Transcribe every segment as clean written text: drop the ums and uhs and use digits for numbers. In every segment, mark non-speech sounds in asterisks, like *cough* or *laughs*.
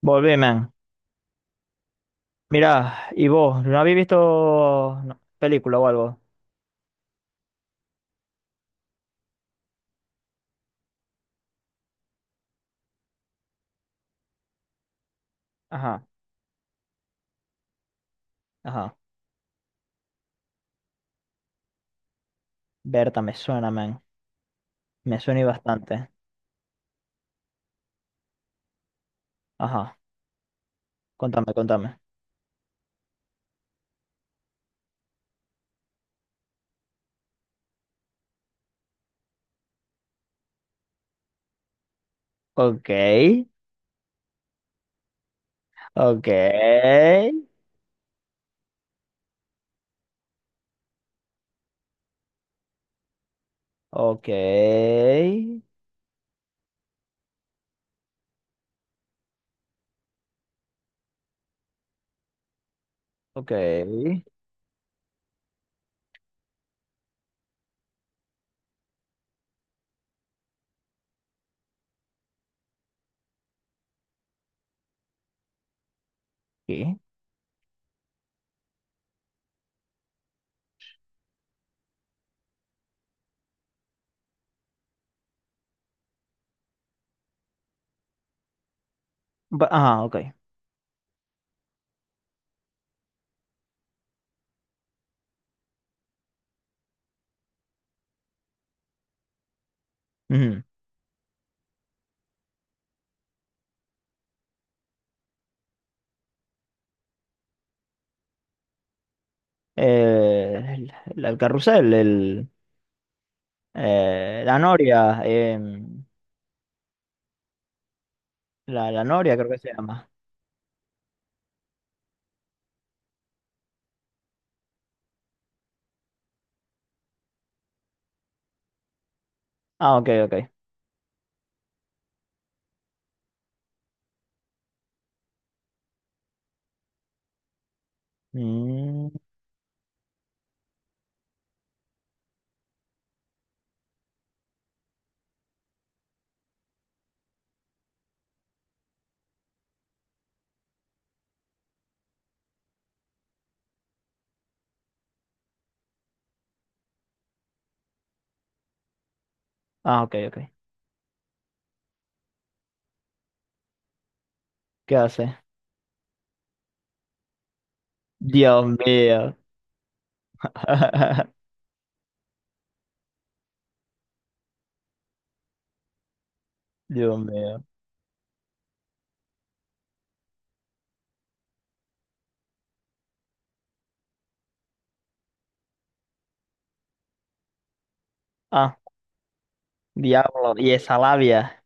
Volvé, man. Mirá, ¿y vos? ¿No habéis visto no, película o algo? Ajá, ajá. Berta, me suena, man. Me suena y bastante. Ajá, contame, contame. Ok, ok, ok, ok. Sí. Ba- Ajá, ok. Ujú. El, el carrusel, el, la noria, la, la noria creo que se llama. Ah, ok, ok. Mm, ah, ok, ok. ¿Qué hace? Dios mío. *laughs* Dios mío. Ah, diablo. Y esa labia.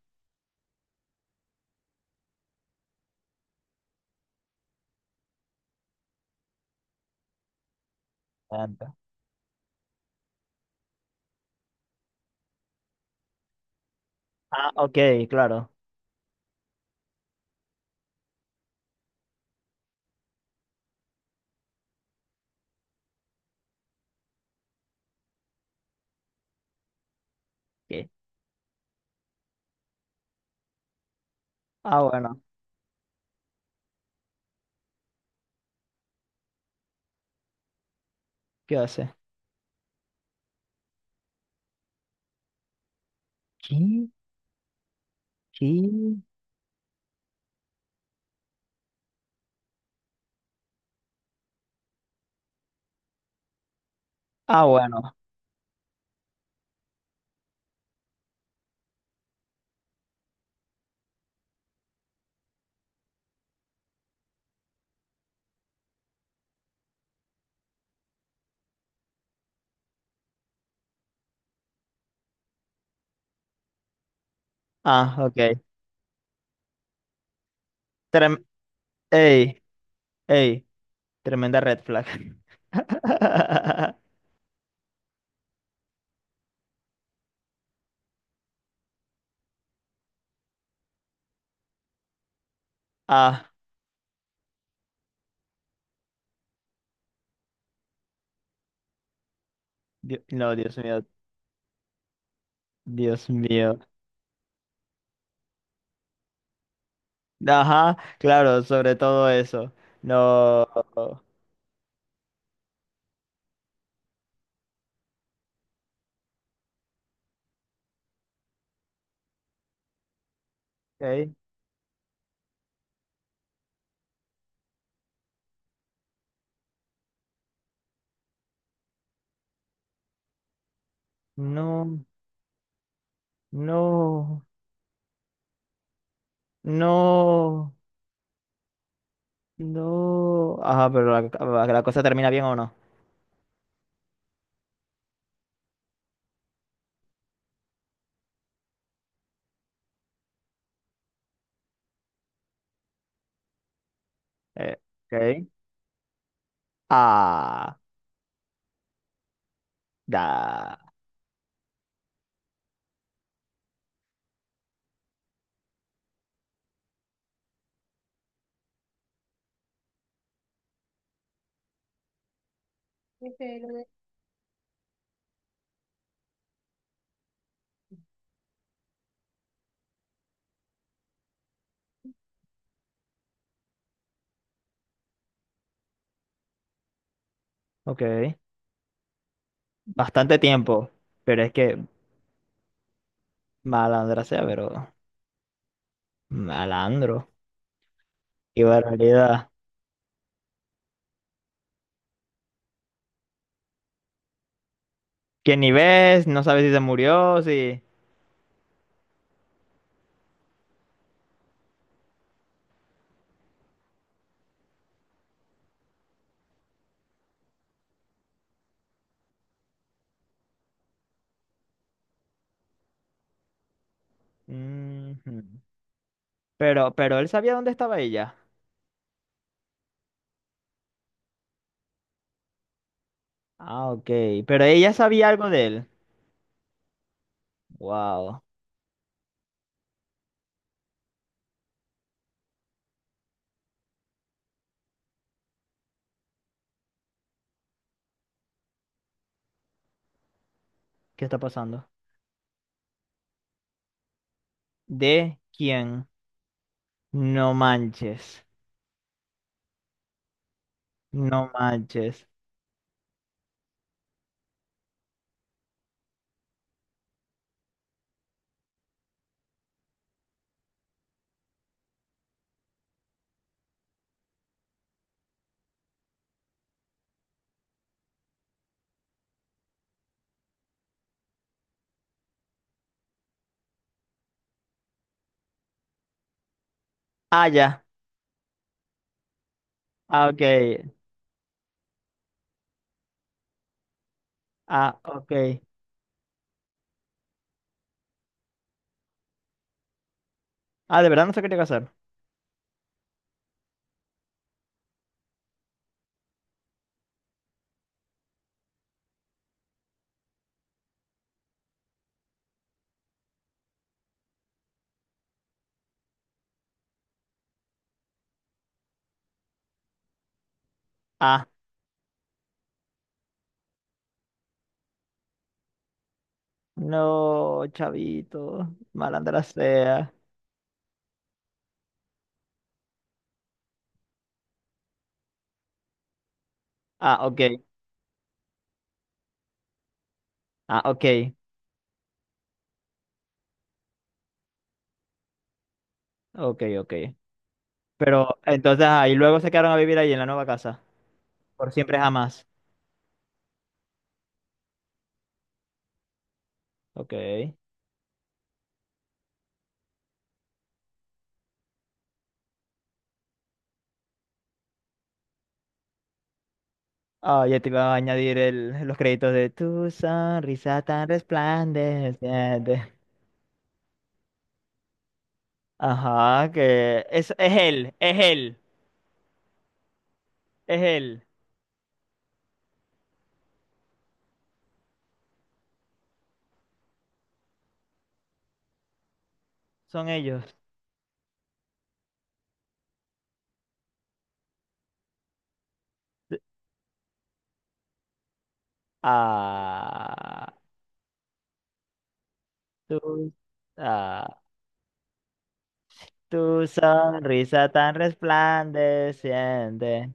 Anda. Ah, ok, claro. Ok. Ah, bueno. ¿Qué hace? ¿Qué? ¿Qué? Ah, bueno. Ah, ok. Trem- ey, ey. Tremenda red flag. *laughs* Ah, Dios- no, Dios mío. Dios mío. Ajá, claro, sobre todo eso. No. Ok. No. No. No. No. Ajá, pero la cosa termina bien o no. Eh, ok. Ah, da. Ok. Bastante tiempo. Pero es que malandra sea, pero malandro. Qué barbaridad. Que ni ves, no sabes si se murió, si. Ujú. Pero él sabía dónde estaba ella. Ah, ok. Pero ella sabía algo de él. Wow. ¿Qué está pasando? ¿De quién? No manches. No manches. Ah, ya. Ah, ok. Ah, ok. Ah, de verdad no se quería casar. Ah, no, chavito. Malandra sea. Ah, ok. Ah, ok. Ok, ok. Pero entonces ahí luego se quedaron a vivir ahí en la nueva casa. Por siempre jamás. Ok. Ah, ya te iba a añadir el, los créditos de tu sonrisa tan resplandeciente. Ajá, que es él, es él, es él. Son ellos. Ah, tú. Ah. Tu sonrisa tan resplandeciente.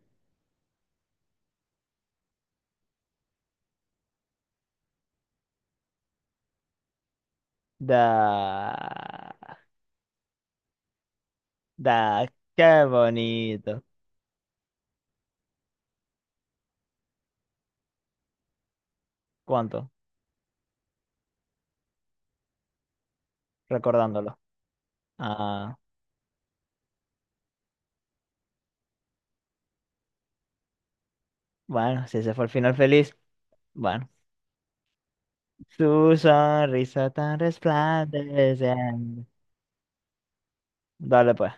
Da, da, qué bonito. ¿Cuánto? Recordándolo. Ah, bueno, si ese fue el final feliz, bueno. Tu sonrisa tan resplandeciente. Dale pues.